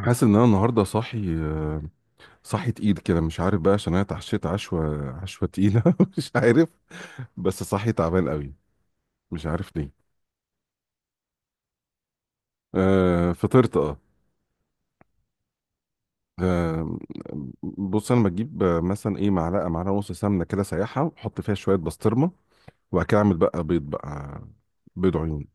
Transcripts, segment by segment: حاسس ان انا النهارده صاحي صاحي تقيل كده مش عارف بقى عشان انا اتعشيت عشوه تقيله مش عارف بس صاحي تعبان قوي مش عارف ليه آه فطرت اه. آه، بص انا بجيب مثلا ايه معلقه ونص سمنه كده سايحه واحط فيها شويه بسطرمه وبعد كده اعمل بقى بيض بقى، بيض عيون.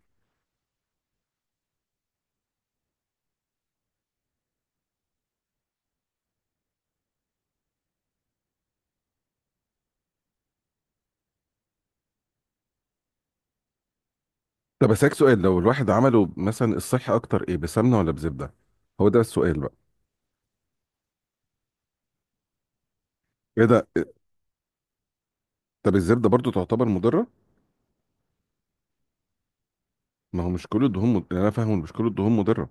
طب اسالك سؤال، لو الواحد عمله مثلا الصحي اكتر ايه، بسمنه ولا بزبده؟ هو ده السؤال بقى. ايه ده؟ طب الزبده برضو تعتبر مضره؟ ما هو مش كل الدهون يعني انا فاهم إن مش كل الدهون مضره.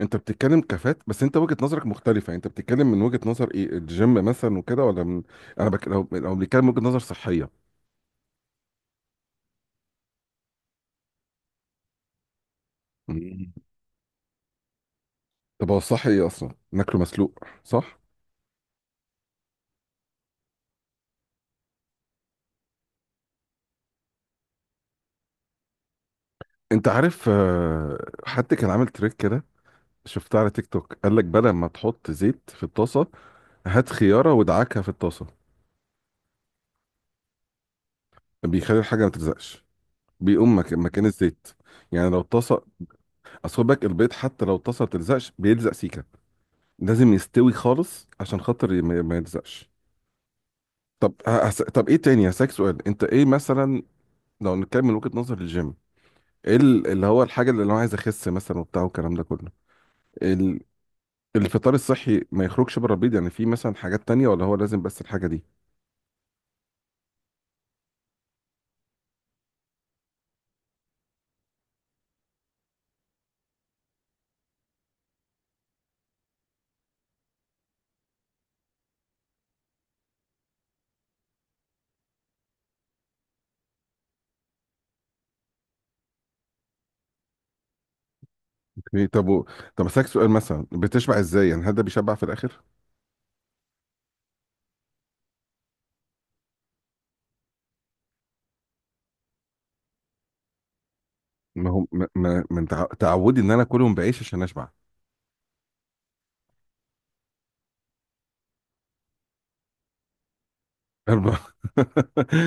انت بتتكلم كفات، بس انت وجهة نظرك مختلفة، انت بتتكلم من وجهة نظر ايه، الجيم مثلا وكده ولا من... انا لو بنتكلم وجهة نظر صحية. مم. طب هو الصح ايه؟ اصلا ناكله مسلوق، صح؟ انت عارف حد كان عامل تريك كده، شفتها على تيك توك، قال لك بدل ما تحط زيت في الطاسة هات خيارة وادعكها في الطاسة. بيخلي الحاجة ما تلزقش، بيقوم مكان الزيت، يعني لو الطاسة. اصل خد بالك البيض حتى لو الطاسة ما بتلزقش بيلزق سيكة، لازم يستوي خالص عشان خاطر ما يلزقش. طب ايه تاني، هسألك سؤال، انت ايه مثلا لو نتكلم من وجهة نظر الجيم، ايه اللي هو الحاجة اللي انا عايز اخس مثلا وبتاع والكلام ده كله. ال... الفطار الصحي ما يخرجش بره البيض؟ يعني في مثلا حاجات تانية ولا هو لازم بس الحاجة دي؟ اوكي، طب و... طب هسألك سؤال، مثلا بتشبع ازاي؟ يعني هل ده بيشبع في الاخر؟ ما هو ما, ما... من تعودي ان انا كلهم بعيش عشان اشبع. أربعة.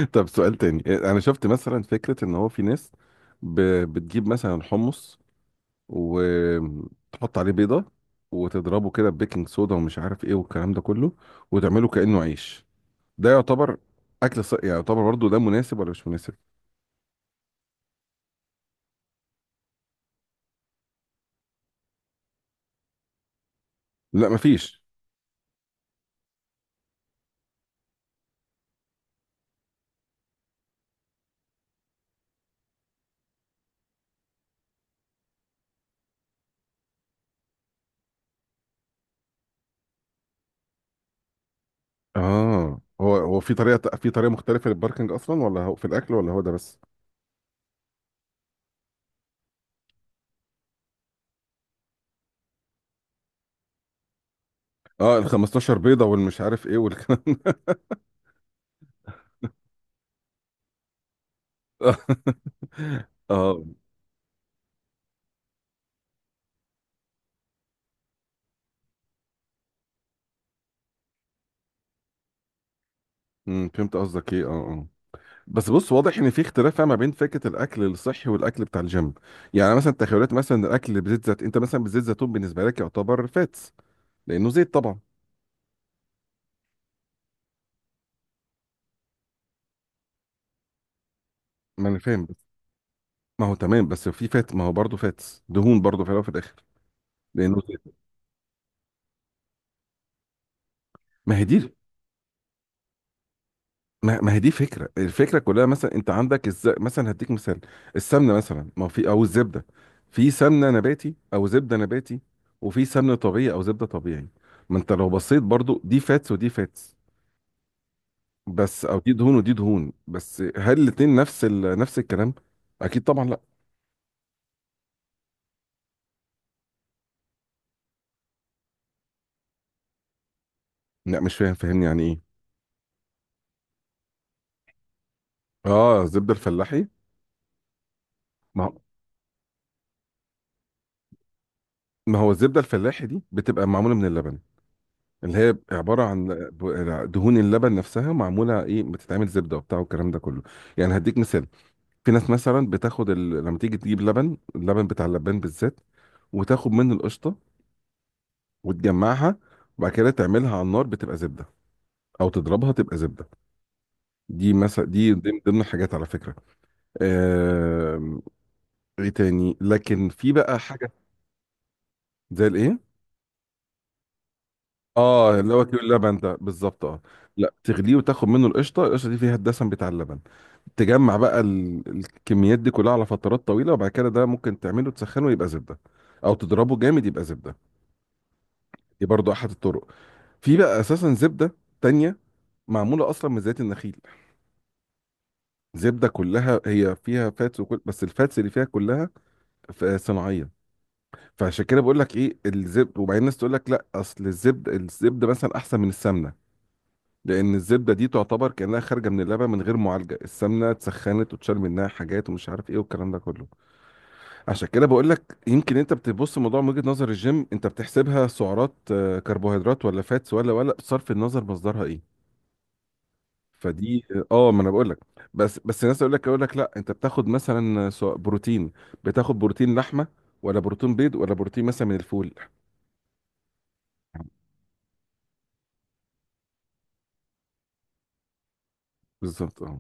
طب سؤال تاني، انا شفت مثلا فكرة ان هو في ناس بتجيب مثلا حمص وتحط عليه بيضة وتضربه كده ببيكنج صودا ومش عارف ايه والكلام ده كله وتعمله كأنه عيش. ده يعتبر اكل يعني يعتبر برضه ده مناسب ولا مش مناسب؟ لا مفيش. اه، هو في طريقة في طريقة مختلفة للباركنج اصلا ولا هو في الاكل ولا هو ده بس؟ اه ال 15 بيضة والمش عارف ايه والكلام ده. اه. أمم، فهمت قصدك ايه، اه اه. بس بص، واضح ان في اختلاف ما بين فكره الاكل الصحي والاكل بتاع الجيم. يعني مثلا تخيلات مثلا الاكل بزيت زيتون، انت مثلا بزيت زيتون بالنسبه لك يعتبر فاتس لانه زيت طبعا. ما انا فاهم، بس ما هو تمام، بس في فات، ما هو برضه فاتس، دهون برضه في الاول وفي الاخر، لانه زيت. ما هي دي ما هي دي فكره، الفكره كلها، مثلا انت عندك الز... مثلا هديك مثال، السمنه مثلا، ما هو في او الزبده، في سمنه نباتي او زبده نباتي، وفي سمنه طبيعي او زبده طبيعي، ما انت لو بصيت برضه دي فاتس ودي فاتس بس، او دي دهون ودي دهون بس، هل الاتنين نفس ال... نفس الكلام؟ اكيد طبعا لا. لا مش فاهم، فاهمني يعني ايه. اه الزبده الفلاحي. ما هو ما هو الزبده الفلاحي دي بتبقى معموله من اللبن، اللي هي عباره عن دهون اللبن نفسها، معموله ايه، بتتعمل زبده وبتاع والكلام ده كله. يعني هديك مثال، في ناس مثلا بتاخد ال... لما تيجي تجيب لبن، اللبن بتاع اللبان بالذات، وتاخد منه القشطه وتجمعها وبعد كده تعملها على النار بتبقى زبده، او تضربها تبقى زبده. دي مثلا دي ضمن الحاجات على فكره. آم، ايه تاني، لكن في بقى حاجه. زي الايه؟ اه اللي هو كيلو اللبن ده بالظبط، اه. لا تغليه وتاخد منه القشطه، القشطه دي فيها الدسم بتاع اللبن. تجمع بقى الكميات دي كلها على فترات طويله، وبعد كده ده ممكن تعمله تسخنه يبقى زبده، او تضربه جامد يبقى زبده. دي برضو احد الطرق. في بقى اساسا زبده تانية معموله اصلا من زيت النخيل، زبده كلها هي فيها فاتس وكل، بس الفاتس اللي فيها كلها صناعيه. فعشان كده بقول لك ايه، الزبد، وبعدين الناس تقول لك لا اصل الزبد الزبده مثلا احسن من السمنه، لان الزبده دي تعتبر كانها خارجه من اللبن من غير معالجه، السمنه اتسخنت وتشال منها حاجات ومش عارف ايه والكلام ده كله. عشان كده بقول لك يمكن انت بتبص الموضوع من وجهه نظر الجيم، انت بتحسبها سعرات كربوهيدرات ولا فاتس ولا بصرف النظر مصدرها ايه. فدي، اه، ما انا بقول لك. بس الناس يقول لك لا انت بتاخد مثلا سواء بروتين، بتاخد بروتين لحمه ولا بروتين بيض ولا بروتين مثلا من الفول. بالظبط اه.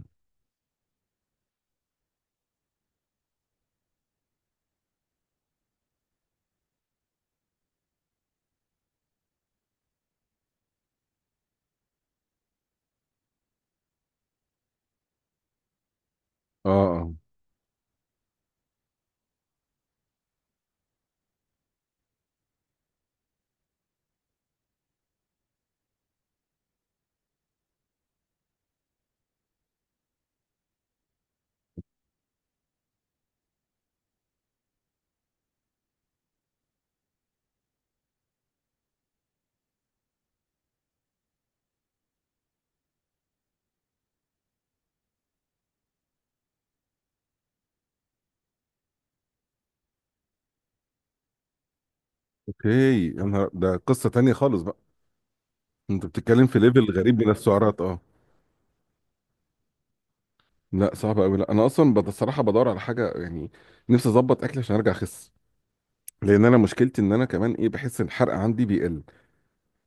اه اه. اوكي. يا نهار ده، قصة تانية خالص بقى، انت بتتكلم في ليفل غريب من السعرات اه. لا صعب قوي، لا انا اصلا الصراحة بدور على حاجة يعني، نفسي اظبط اكلي عشان ارجع اخس، لان انا مشكلتي ان انا كمان ايه، بحس ان الحرق عندي بيقل.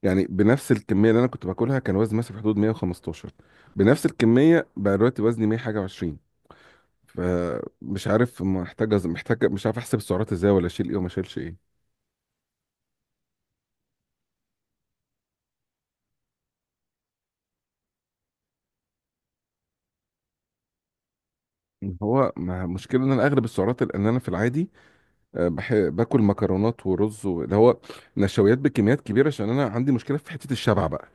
يعني بنفس الكمية اللي انا كنت باكلها كان وزني مثلا في حدود 115، بنفس الكمية بقى دلوقتي وزني 100 حاجة و20. فمش عارف محتاج محتاج، مش عارف احسب السعرات ازاي، ولا اشيل ايه وما اشيلش ايه. هو مشكلة ان انا اغلب السعرات لان انا في العادي باكل مكرونات ورز اللي هو نشويات بكميات كبيره عشان انا عندي مشكله في حته الشبع بقى.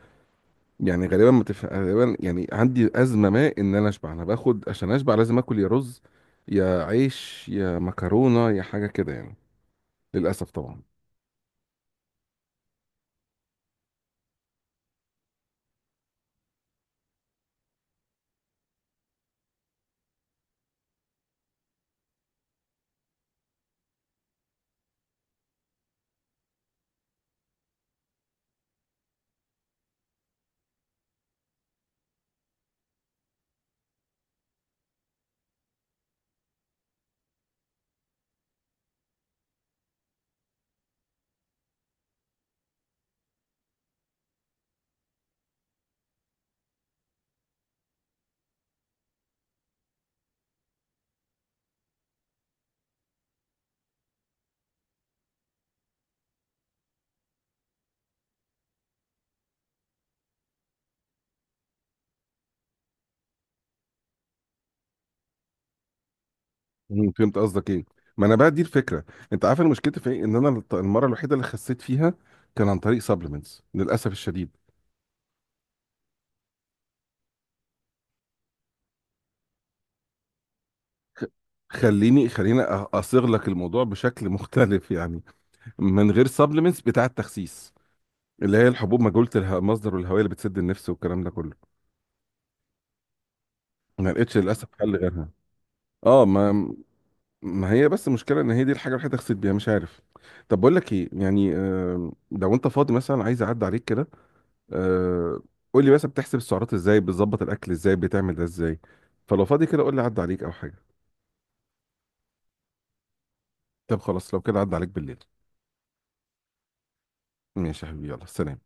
يعني غالبا ما تف... غالبا يعني عندي ازمه ما، ان انا اشبع انا باخد عشان اشبع لازم اكل يا رز يا عيش يا مكرونه يا حاجه كده يعني، للاسف طبعا. مم، فهمت قصدك ايه، ما انا بقى دي الفكره. انت عارف أنا مشكلتي في ايه؟ ان انا المره الوحيده اللي خسيت فيها كان عن طريق سبلمنتس للاسف الشديد. خليني اصيغ لك الموضوع بشكل مختلف يعني، من غير سبلمنتس بتاع التخسيس، اللي هي الحبوب مجهولة مصدر والهوية اللي بتسد النفس والكلام ده كله. ما لقيتش للأسف حل غيرها. اه ما. ما هي بس المشكلة ان هي دي الحاجة الوحيدة اغسل بيها، مش عارف. طب بقول لك ايه يعني، آه لو انت فاضي مثلا عايز اعدي عليك كده، آه قول لي بس بتحسب السعرات ازاي، بتظبط الاكل ازاي، بتعمل ده ازاي. فلو فاضي كده قول لي عدى عليك او حاجة. طب خلاص لو كده عدى عليك بالليل. ماشي يا حبيبي، يلا سلام.